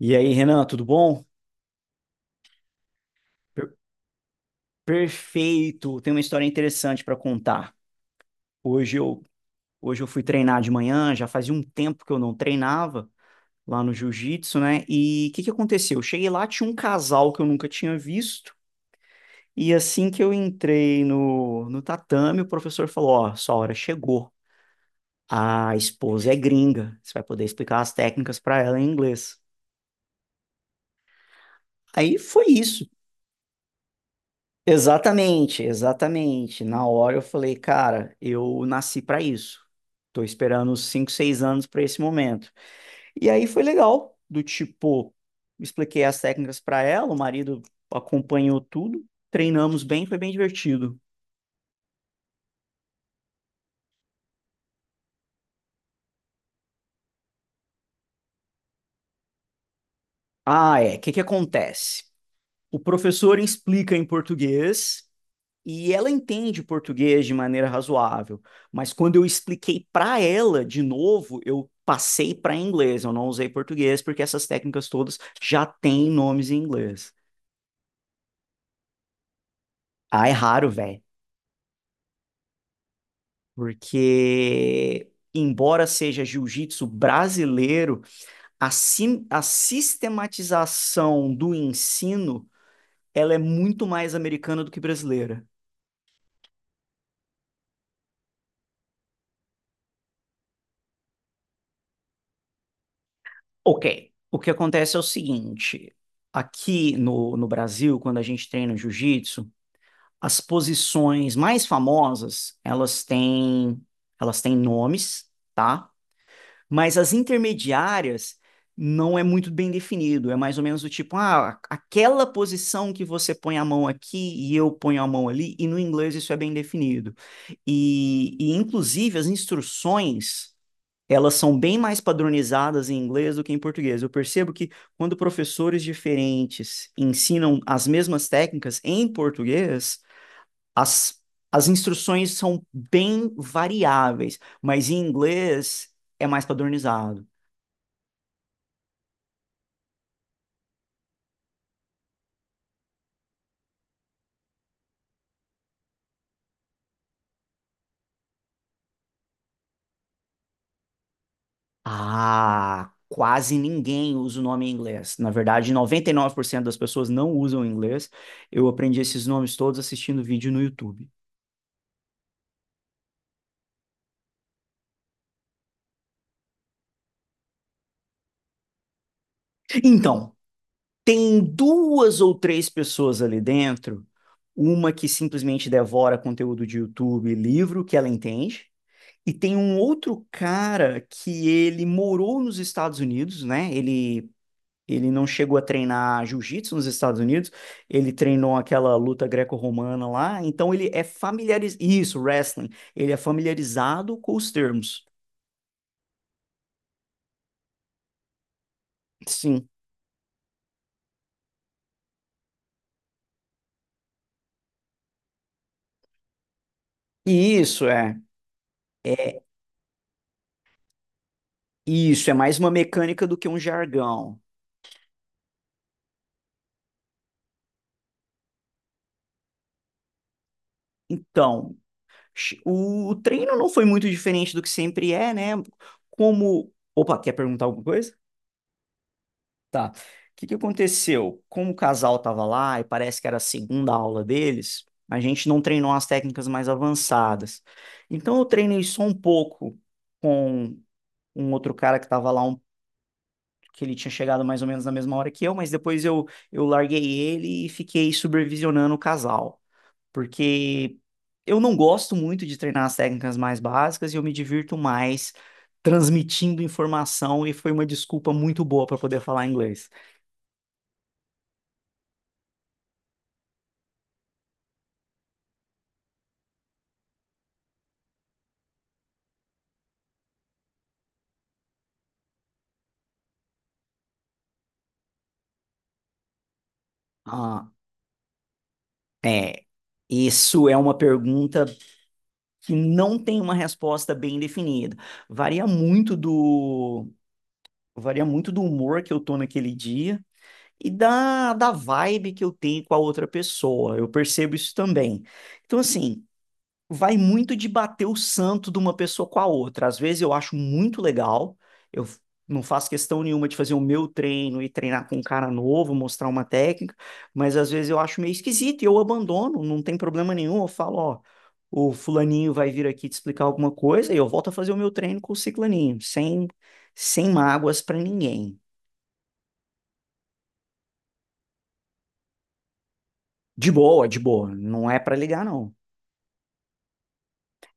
E aí, Renan, tudo bom? Per- Perfeito. Tem uma história interessante para contar. Hoje eu, hoje eu fui treinar de manhã, já fazia um tempo que eu não treinava lá no jiu-jitsu, né? E o que que aconteceu? Eu cheguei lá, tinha um casal que eu nunca tinha visto. E assim que eu entrei no tatame, o professor falou: Ó, sua hora chegou. A esposa é gringa. Você vai poder explicar as técnicas para ela em inglês. Aí foi isso. Exatamente, exatamente. Na hora eu falei, cara, eu nasci pra isso. Tô esperando uns 5, 6 anos pra esse momento. E aí foi legal, do tipo, expliquei as técnicas pra ela, o marido acompanhou tudo, treinamos bem, foi bem divertido. Ah, é. O que que acontece? O professor explica em português e ela entende português de maneira razoável, mas quando eu expliquei para ela de novo, eu passei para inglês, eu não usei português, porque essas técnicas todas já têm nomes em inglês. Ah, é raro, velho, porque embora seja jiu-jitsu brasileiro, a sistematização do ensino, ela é muito mais americana do que brasileira. Ok. O que acontece é o seguinte: aqui no Brasil, quando a gente treina jiu-jitsu, as posições mais famosas, elas têm nomes, tá? Mas as intermediárias não é muito bem definido. É mais ou menos do tipo, ah, aquela posição que você põe a mão aqui e eu ponho a mão ali, e no inglês isso é bem definido. E inclusive, as instruções elas são bem mais padronizadas em inglês do que em português. Eu percebo que quando professores diferentes ensinam as mesmas técnicas em português, as, as instruções são bem variáveis, mas em inglês é mais padronizado. Ah, quase ninguém usa o nome em inglês. Na verdade, 99% das pessoas não usam inglês. Eu aprendi esses nomes todos assistindo vídeo no YouTube. Então, tem duas ou três pessoas ali dentro, uma que simplesmente devora conteúdo de YouTube e livro que ela entende, e tem um outro cara que ele morou nos Estados Unidos, né? Ele não chegou a treinar jiu-jitsu nos Estados Unidos, ele treinou aquela luta greco-romana lá, então ele é familiarizado, isso, wrestling, ele é familiarizado com os termos. Sim. E isso é, é isso é mais uma mecânica do que um jargão. Então, o treino não foi muito diferente do que sempre é, né? Como. Opa, quer perguntar alguma coisa? Tá. O que que aconteceu? Como o casal tava lá e parece que era a segunda aula deles, a gente não treinou as técnicas mais avançadas. Então eu treinei só um pouco com um outro cara que tava lá, que ele tinha chegado mais ou menos na mesma hora que eu, mas depois eu larguei ele e fiquei supervisionando o casal porque eu não gosto muito de treinar as técnicas mais básicas e eu me divirto mais transmitindo informação e foi uma desculpa muito boa para poder falar inglês. Ah, é. Isso é uma pergunta que não tem uma resposta bem definida. Varia muito do varia muito do humor que eu tô naquele dia e da vibe que eu tenho com a outra pessoa. Eu percebo isso também. Então, assim, vai muito de bater o santo de uma pessoa com a outra. Às vezes eu acho muito legal, eu f- não faço questão nenhuma de fazer o meu treino e treinar com um cara novo, mostrar uma técnica, mas às vezes eu acho meio esquisito e eu abandono, não tem problema nenhum. Eu falo, ó, o fulaninho vai vir aqui te explicar alguma coisa e eu volto a fazer o meu treino com o ciclaninho, sem mágoas pra ninguém. De boa, não é pra ligar, não.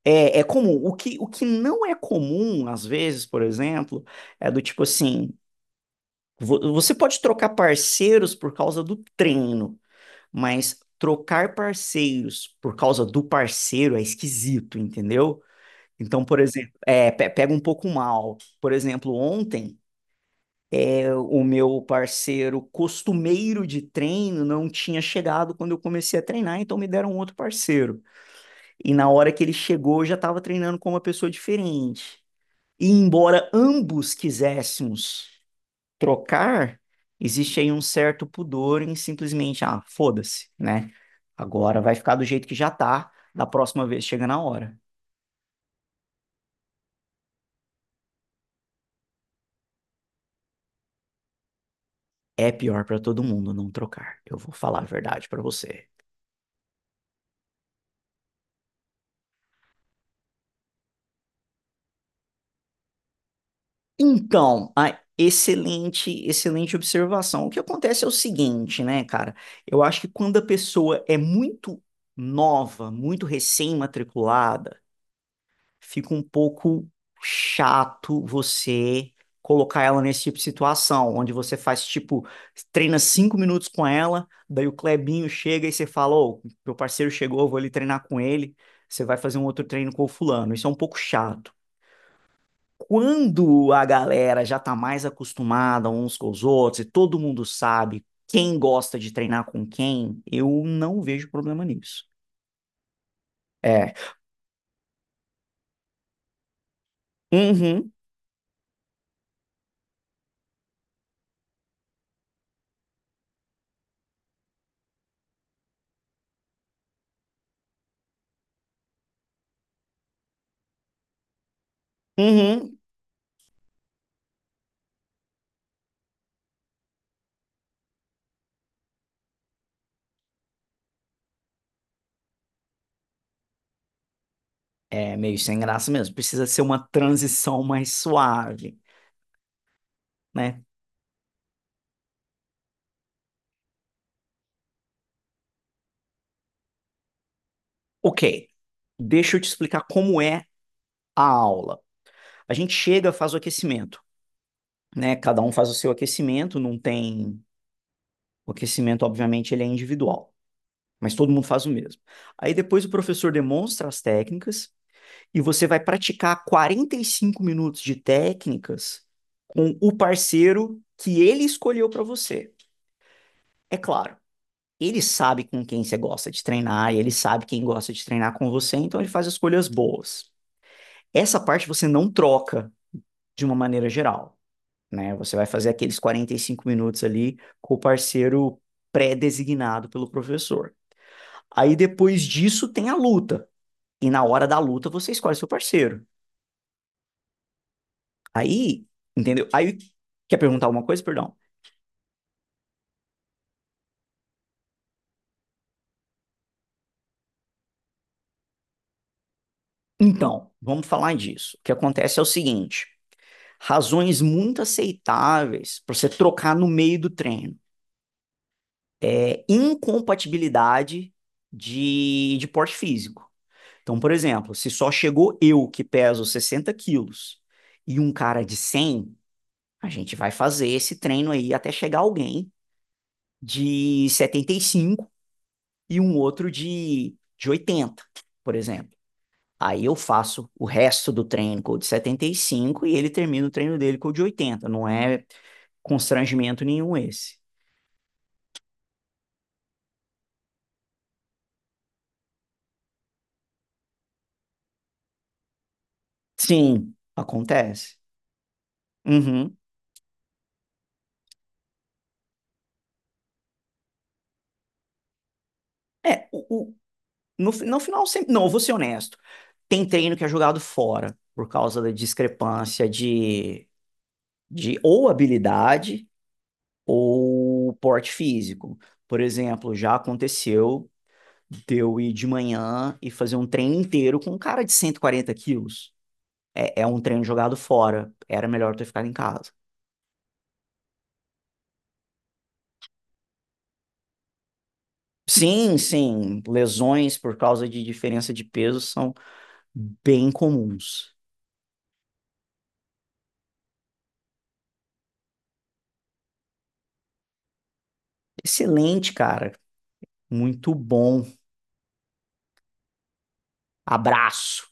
É comum. O que não é comum, às vezes, por exemplo, é do tipo assim. Você pode trocar parceiros por causa do treino, mas trocar parceiros por causa do parceiro é esquisito, entendeu? Então, por exemplo, pega um pouco mal. Por exemplo, ontem o meu parceiro costumeiro de treino não tinha chegado quando eu comecei a treinar, então me deram outro parceiro. E na hora que ele chegou, eu já estava treinando com uma pessoa diferente. E embora ambos quiséssemos trocar, existe aí um certo pudor em simplesmente, ah, foda-se, né? Agora vai ficar do jeito que já tá, da próxima vez chega na hora. É pior para todo mundo não trocar. Eu vou falar a verdade para você. Então, a excelente, excelente observação. O que acontece é o seguinte, né, cara? Eu acho que quando a pessoa é muito nova, muito recém-matriculada, fica um pouco chato você colocar ela nesse tipo de situação, onde você faz tipo, treina 5 minutos com ela, daí o Clebinho chega e você fala, ô, meu parceiro chegou, eu vou ali treinar com ele, você vai fazer um outro treino com o fulano. Isso é um pouco chato. Quando a galera já tá mais acostumada uns com os outros e todo mundo sabe quem gosta de treinar com quem, eu não vejo problema nisso. É. Uhum. Uhum. É meio sem graça mesmo. Precisa ser uma transição mais suave, né? Ok, deixa eu te explicar como é a aula. A gente chega, faz o aquecimento, né? Cada um faz o seu aquecimento, não tem. O aquecimento, obviamente, ele é individual, mas todo mundo faz o mesmo. Aí depois o professor demonstra as técnicas e você vai praticar 45 minutos de técnicas com o parceiro que ele escolheu para você. É claro, ele sabe com quem você gosta de treinar, e ele sabe quem gosta de treinar com você, então ele faz escolhas boas. Essa parte você não troca de uma maneira geral, né? Você vai fazer aqueles 45 minutos ali com o parceiro pré-designado pelo professor. Aí depois disso tem a luta, e na hora da luta você escolhe seu parceiro. Aí, entendeu? Aí quer perguntar alguma coisa, perdão? Então, vamos falar disso. O que acontece é o seguinte: razões muito aceitáveis para você trocar no meio do treino é incompatibilidade de porte físico. Então, por exemplo, se só chegou eu que peso 60 quilos e um cara de 100, a gente vai fazer esse treino aí até chegar alguém de 75 e um outro de 80, por exemplo. Aí eu faço o resto do treino com o de 75 e ele termina o treino dele com o de 80. Não é constrangimento nenhum esse. Sim, acontece. Uhum. É, o, no final, sempre, não, eu vou ser honesto. Tem treino que é jogado fora por causa da discrepância de ou habilidade ou porte físico. Por exemplo, já aconteceu de eu ir de manhã e fazer um treino inteiro com um cara de 140 quilos. É um treino jogado fora. Era melhor ter ficado em casa. Sim, sim, lesões por causa de diferença de peso são bem comuns. Excelente, cara. Muito bom. Abraço.